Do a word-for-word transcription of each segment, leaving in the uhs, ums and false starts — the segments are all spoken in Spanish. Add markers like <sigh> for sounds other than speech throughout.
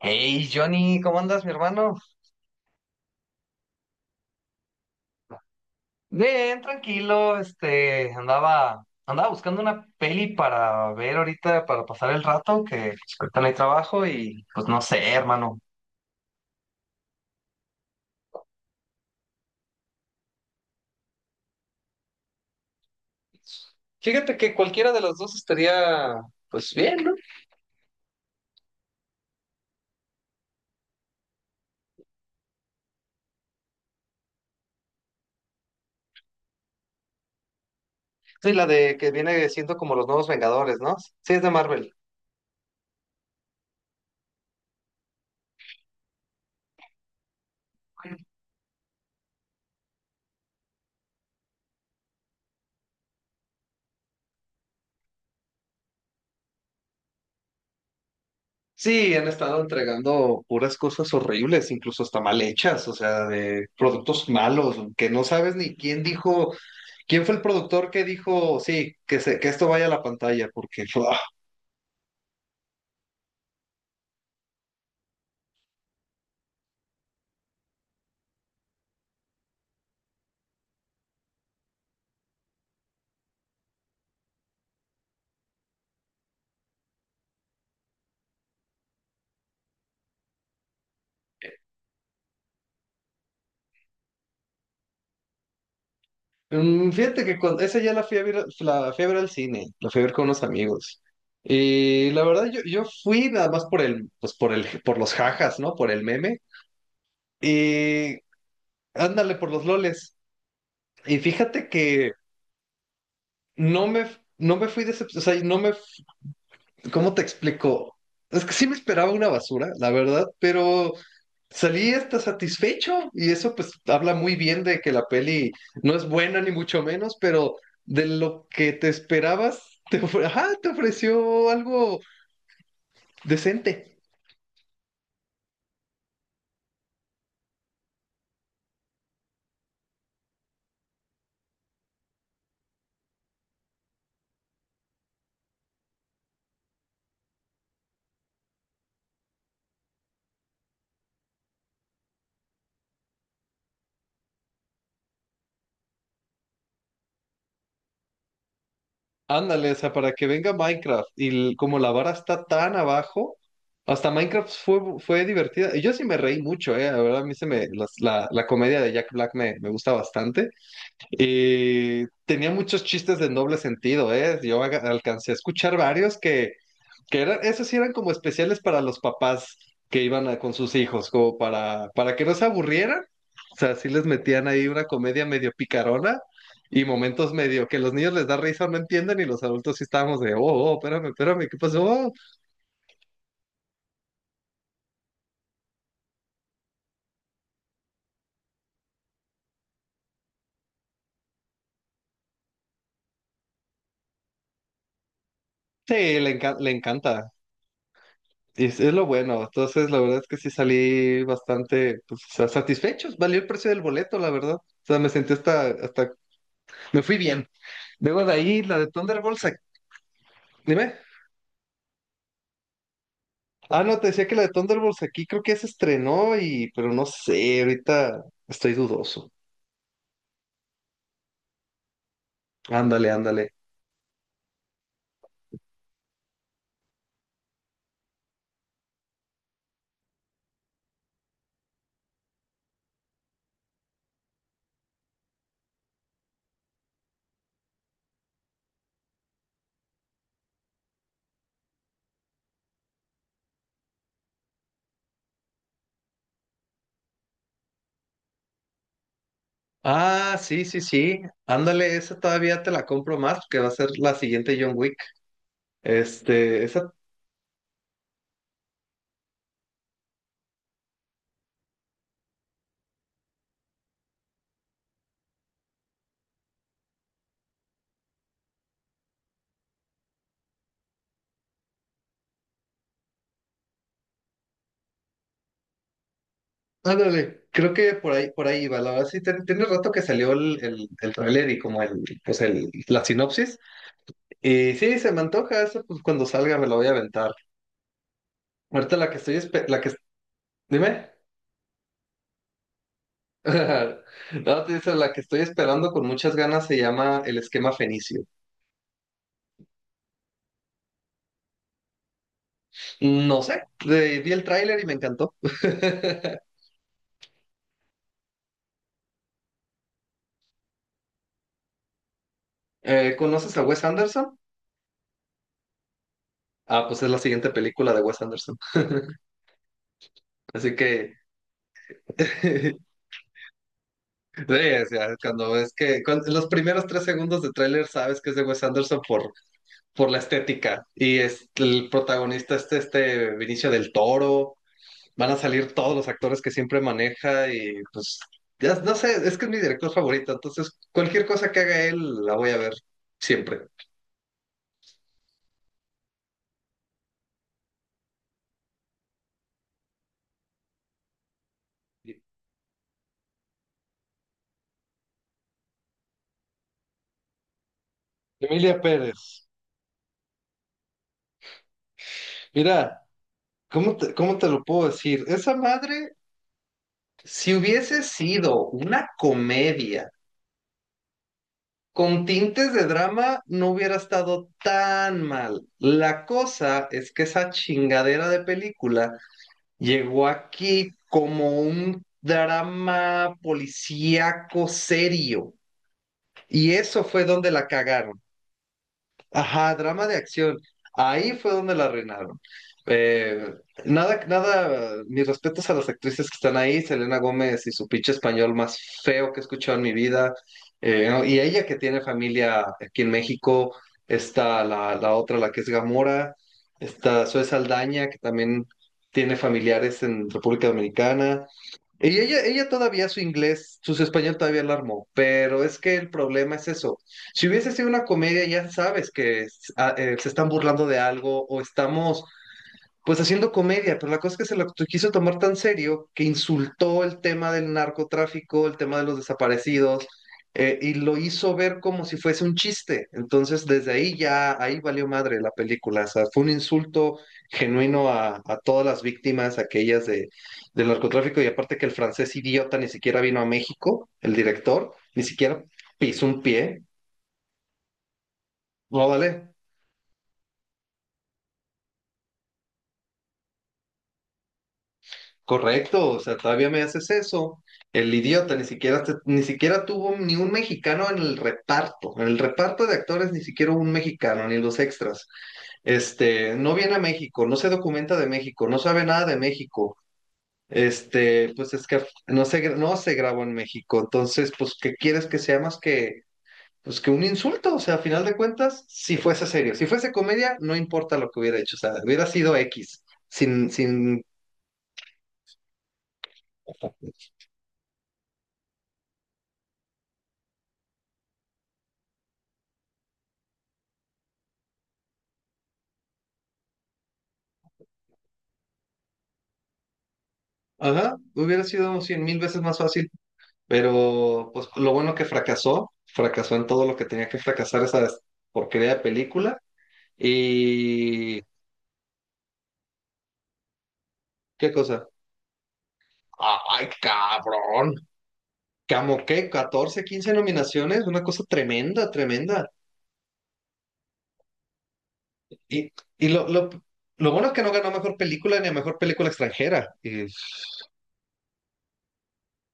Hey, Johnny, ¿cómo andas, mi hermano? Bien, tranquilo, este, andaba, andaba buscando una peli para ver ahorita, para pasar el rato, que pues, ahorita no hay trabajo y pues no sé, hermano. Fíjate que cualquiera de las dos estaría, pues bien, ¿no? Sí, la de que viene siendo como los nuevos Vengadores, ¿no? Sí, es de Marvel. Sí, han estado entregando puras cosas horribles, incluso hasta mal hechas, o sea, de productos malos, que no sabes ni quién dijo. ¿Quién fue el productor que dijo, sí, que, se, que esto vaya a la pantalla? Porque, <laughs> ¡fua! Mm, fíjate que cuando, esa ya la fui a ver, la fui a ver al cine, la fui a ver con unos amigos. Y la verdad, yo, yo fui nada más por el, pues por el, por los jajas, ¿no? Por el meme. Y ándale por los loles. Y fíjate que no me, no me fui decepcionado, o sea, no me, ¿cómo te explico? Es que sí me esperaba una basura, la verdad, pero salí hasta satisfecho y eso pues habla muy bien de que la peli no es buena ni mucho menos, pero de lo que te esperabas, te, ofre- ajá, te ofreció algo decente. Ándale, o sea, para que venga Minecraft y l- como la vara está tan abajo, hasta Minecraft fue, fue divertida. Y yo sí me reí mucho, eh, la verdad, a mí se me, las- la, la comedia de Jack Black me, me gusta bastante. Y tenía muchos chistes de doble sentido, eh, yo aga- alcancé a escuchar varios que Que eran, esos sí eran como especiales para los papás que iban a- con sus hijos, como para, para que no se aburrieran. O sea, sí les metían ahí una comedia medio picarona y momentos medio que los niños les da risa, no entienden, y los adultos sí estábamos de, oh, oh, espérame, espérame, ¿qué pasó? Sí, le, enca- le encanta. Y es, es lo bueno. Entonces, la verdad es que sí salí bastante pues, sa- satisfechos. Valió el precio del boleto, la verdad. O sea, me sentí, hasta, hasta, me fui bien. Luego de ahí, la de Thunderbolts, dime. Ah, no, te decía que la de Thunderbolts aquí creo que ya se estrenó y, pero no sé, ahorita estoy dudoso. Ándale, ándale. Ah, sí, sí, sí. Ándale, esa todavía te la compro más porque va a ser la siguiente John Wick. Este, esa, Ándale, creo que por ahí, por ahí va. La verdad sí, ten- tiene rato que salió el, el, el tráiler y como el, pues el, la sinopsis. Y sí, se me antoja eso, pues cuando salga me la voy a aventar. Ahorita la que estoy, espe- la que, dime. <laughs> No, te dice, la que estoy esperando con muchas ganas se llama El Esquema Fenicio. No sé, eh, vi el tráiler y me encantó. <laughs> Eh, ¿conoces a Wes Anderson? Ah, pues es la siguiente película de Wes Anderson. <laughs> Así que, <laughs> sí, o sea, cuando ves que con- los primeros tres segundos de tráiler sabes que es de Wes Anderson por, por la estética. Y es el protagonista este, este Vinicio del Toro. Van a salir todos los actores que siempre maneja y pues, ya no sé, es que es mi director favorito, entonces cualquier cosa que haga él la voy a ver siempre. Emilia Pérez, mira, ¿cómo te, cómo te lo puedo decir? Esa madre, si hubiese sido una comedia con tintes de drama, no hubiera estado tan mal. La cosa es que esa chingadera de película llegó aquí como un drama policíaco serio. Y eso fue donde la cagaron. Ajá, drama de acción. Ahí fue donde la arruinaron. Eh, Nada, nada, mis respetos a las actrices que están ahí, Selena Gómez y su pinche español más feo que he escuchado en mi vida. Eh, ¿no? Y ella que tiene familia aquí en México, está la, la otra, la que es Gamora, está Zoe Saldaña, que también tiene familiares en República Dominicana. Y ella, ella todavía su inglés, su español todavía la armó, pero es que el problema es eso. Si hubiese sido una comedia, ya sabes que es- ah, eh, se están burlando de algo o estamos pues haciendo comedia, pero la cosa es que se lo to- quiso tomar tan serio que insultó el tema del narcotráfico, el tema de los desaparecidos, eh, y lo hizo ver como si fuese un chiste. Entonces, desde ahí ya, ahí valió madre la película. O sea, fue un insulto genuino a, a todas las víctimas, aquellas de, del narcotráfico, y aparte que el francés idiota ni siquiera vino a México, el director, ni siquiera pisó un pie. No, vale. Correcto, o sea, todavía me haces eso. El idiota ni siquiera te- ni siquiera tuvo ni un mexicano en el reparto. En el reparto de actores ni siquiera hubo un mexicano, ni los extras. Este, no viene a México, no se documenta de México, no sabe nada de México. Este, pues es que no se gra- no se grabó en México. Entonces, pues, ¿qué quieres que sea más que pues que un insulto? O sea, a final de cuentas, si fuese serio, si fuese comedia, no importa lo que hubiera hecho, o sea, hubiera sido X sin, sin ajá, hubiera sido cien mil veces más fácil, pero pues lo bueno que fracasó, fracasó en todo lo que tenía que fracasar esa porquería de película. Y qué cosa, ay cabrón, como que catorce, quince nominaciones, una cosa tremenda, tremenda. Y, y lo, lo, lo bueno es que no ganó mejor película ni a mejor película extranjera, y,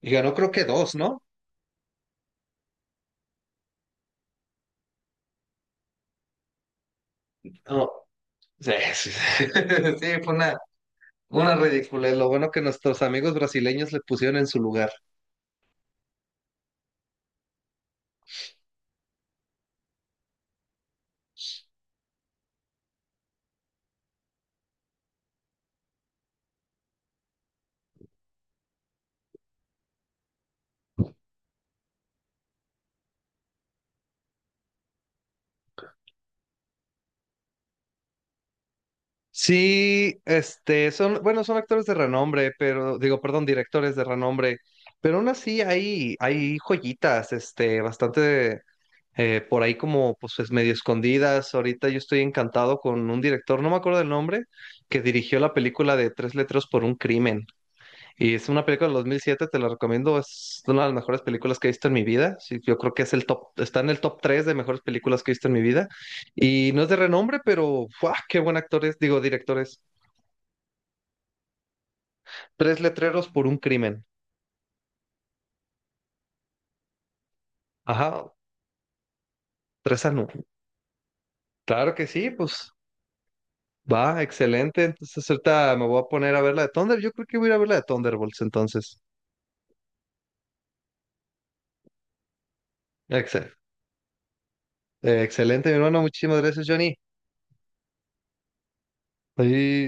y ganó creo que dos, ¿no? No, sí, sí, sí, <laughs> sí, fue una, una ridícula. Lo bueno que nuestros amigos brasileños le pusieron en su lugar. Sí, este, son, bueno, son actores de renombre, pero, digo, perdón, directores de renombre, pero aún así hay, hay joyitas, este, bastante eh, por ahí como, pues, pues, medio escondidas. Ahorita yo estoy encantado con un director, no me acuerdo el nombre, que dirigió la película de Tres Letras por un Crimen. Y es una película del dos mil siete, te la recomiendo. Es una de las mejores películas que he visto en mi vida. Sí, yo creo que es el top, está en el top tres de mejores películas que he visto en mi vida. Y no es de renombre, pero, ¡fua! Qué buen actor es, digo, director es. Tres letreros por un crimen. Ajá, tres anu. Claro que sí, pues va, excelente. Entonces ahorita me voy a poner a ver la de Thunder. Yo creo que voy a ir a ver la de Thunderbolts entonces. Excel. Eh, excelente, mi hermano. Muchísimas gracias, Johnny. Ahí